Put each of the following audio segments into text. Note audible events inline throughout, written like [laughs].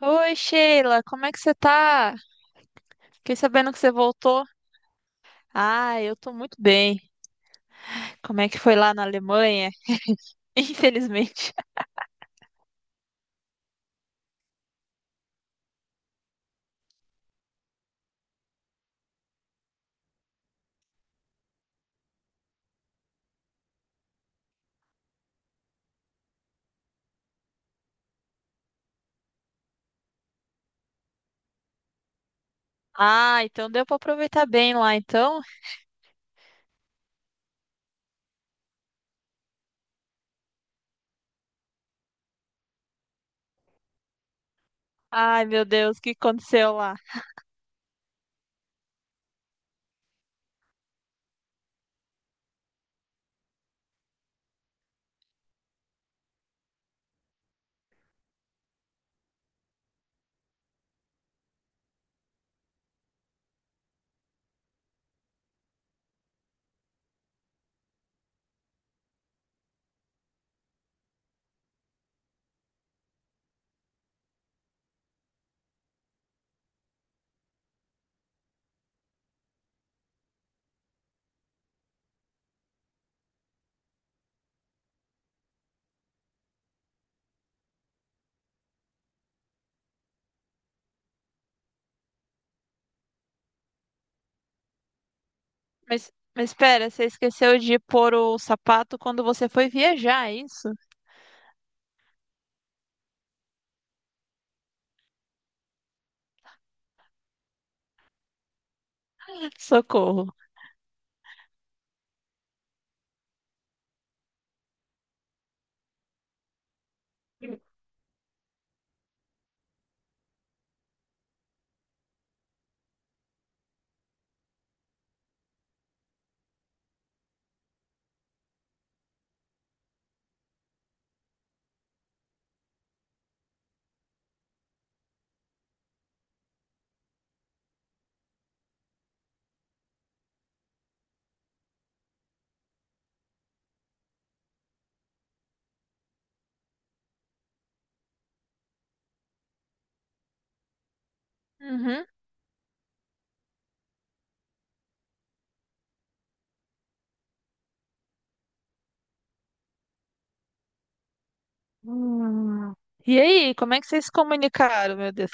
Oi, Sheila, como é que você tá? Fiquei sabendo que você voltou. Ah, eu tô muito bem. Como é que foi lá na Alemanha? [laughs] Infelizmente. Ah, então deu pra aproveitar bem lá, então. Ai, meu Deus, o que aconteceu lá? Mas espera, você esqueceu de pôr o sapato quando você foi viajar, é isso? [laughs] Socorro. Uhum. Hum. E aí, como é que vocês se comunicaram, meu Deus?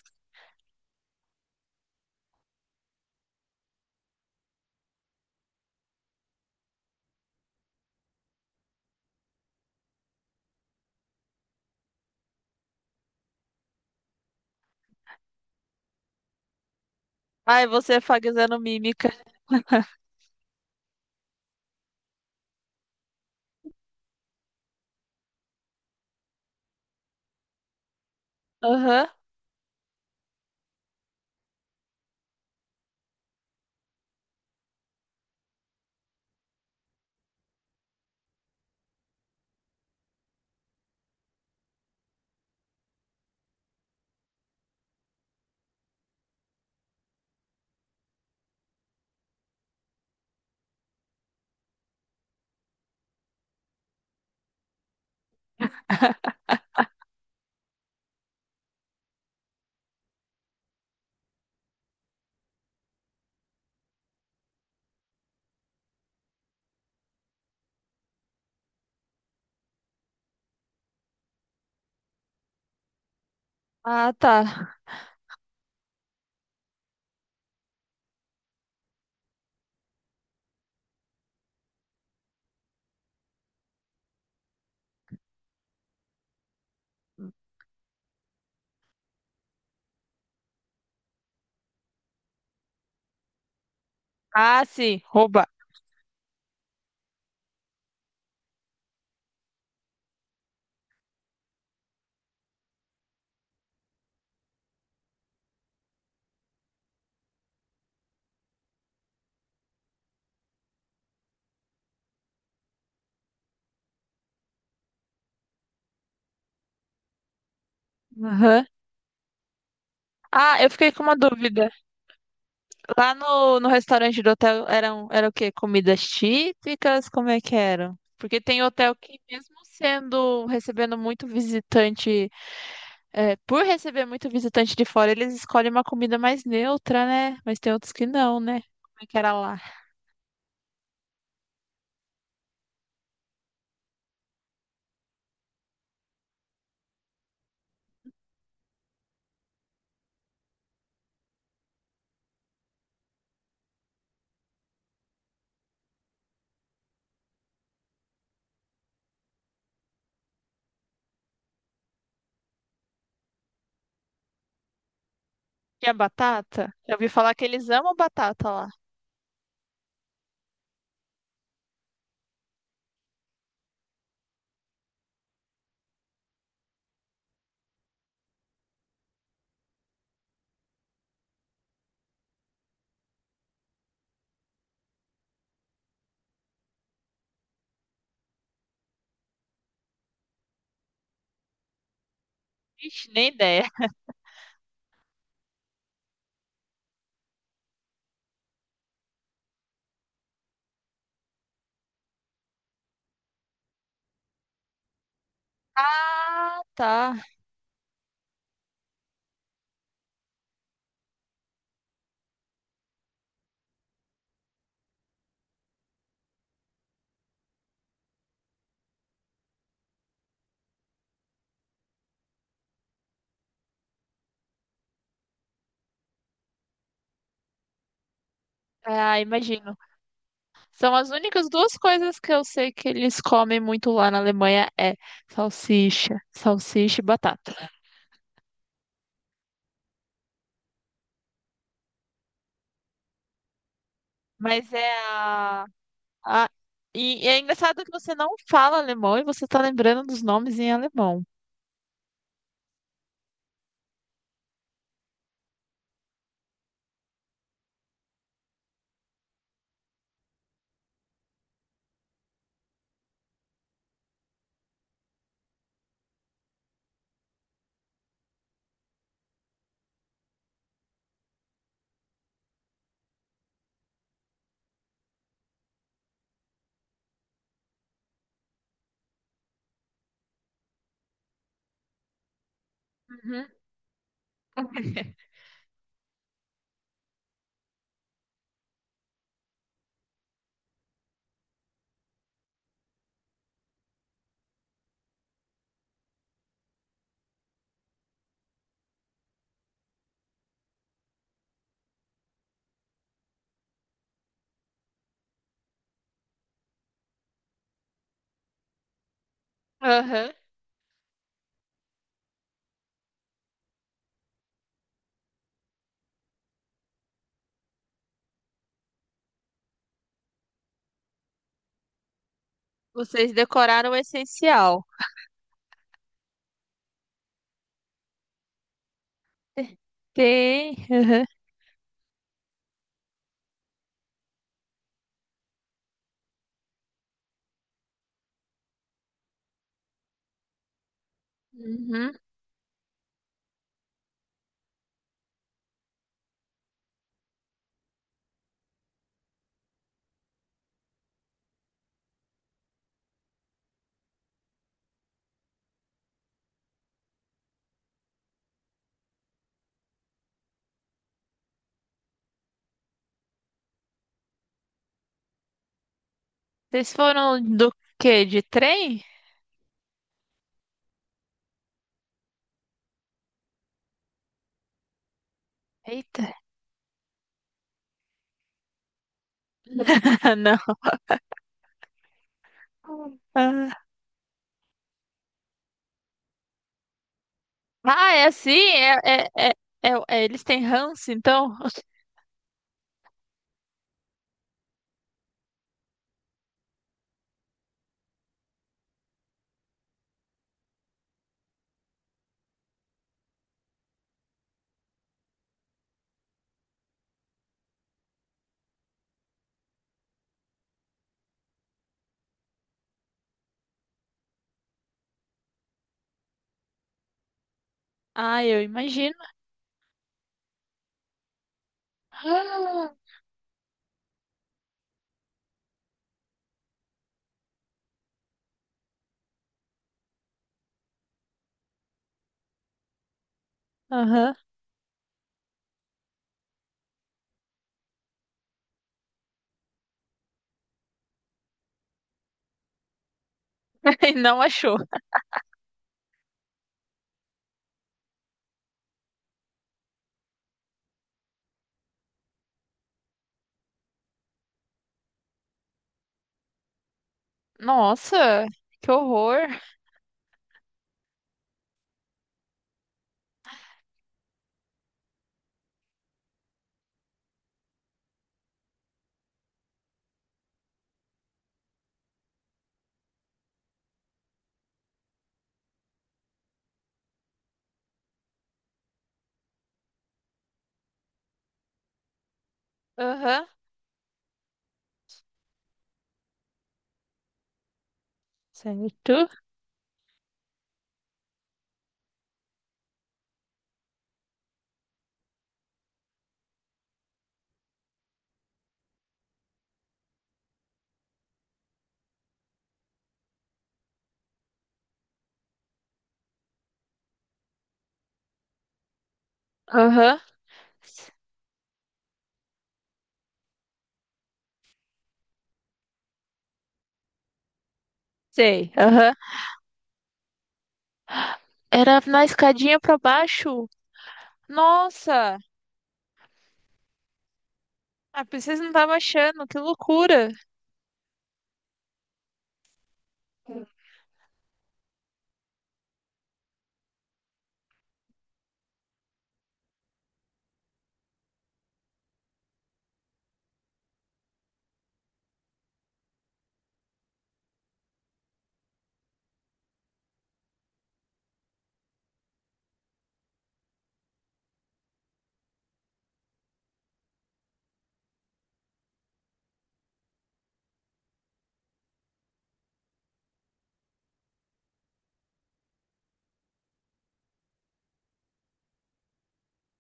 Ai, você fazendo mímica. Aham. Ah, tá. Ah, sim, roubar. Aham. Ah, eu fiquei com uma dúvida. Lá no restaurante do hotel eram, era o quê? Comidas típicas? Como é que eram? Porque tem hotel que, mesmo sendo, recebendo muito visitante, é, por receber muito visitante de fora, eles escolhem uma comida mais neutra, né? Mas tem outros que não, né? Como é que era lá? Tinha batata? Eu ouvi falar que eles amam batata lá. Ixi, nem ideia. Ah, tá. Ah, imagino. São as únicas duas coisas que eu sei que eles comem muito lá na Alemanha é salsicha, salsicha e batata. Mas é a- E, e é engraçado que você não fala alemão e você tá lembrando dos nomes em alemão. Uhum. [laughs] Aham. Vocês decoraram o essencial. Te- Tem. Aham. Uhum. Vocês foram do quê? De trem? Eita. [laughs] Não. Ah, é assim? Eles têm ranço, então? [laughs] Ah, eu imagino. Ah, aham. [laughs] E não achou. Nossa, que horror. Aham. Certo. Aham. Sei. Aham. Era na escadinha pra baixo. Nossa, a princesa não tava achando. Que loucura.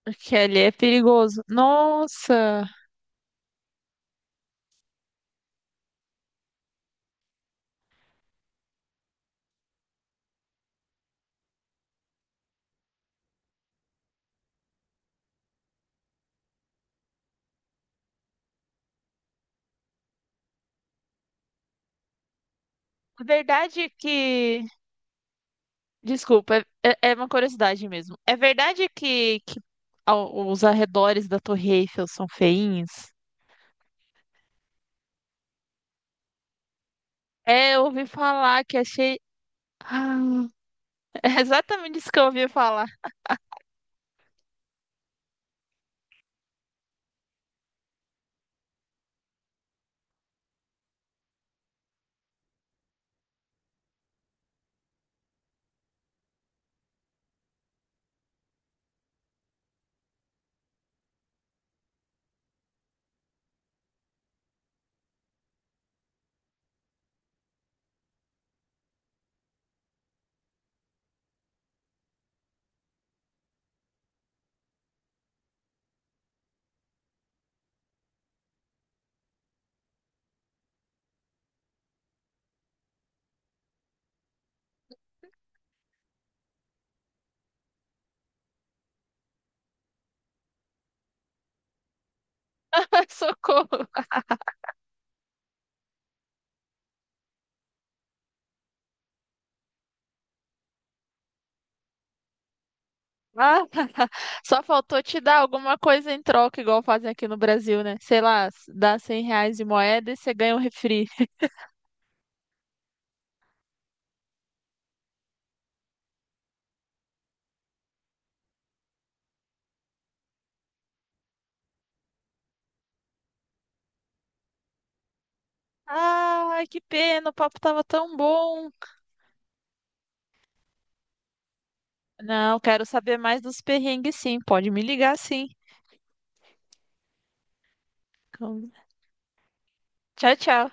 Porque ali é perigoso. Nossa. A verdade é que desculpa, é, é é uma curiosidade mesmo. É verdade que ao- os arredores da Torre Eiffel são feinhos? É, eu ouvi falar que achei. Ah, é exatamente isso que eu ouvi falar. [laughs] Socorro. Ah, [laughs] só faltou te dar alguma coisa em troca, igual fazem aqui no Brasil, né? Sei lá, dá 100 reais de moeda e você ganha um refri. Ai, que pena, o papo tava tão bom. Não, quero saber mais dos perrengues, sim. Pode me ligar, sim. Tchau, tchau.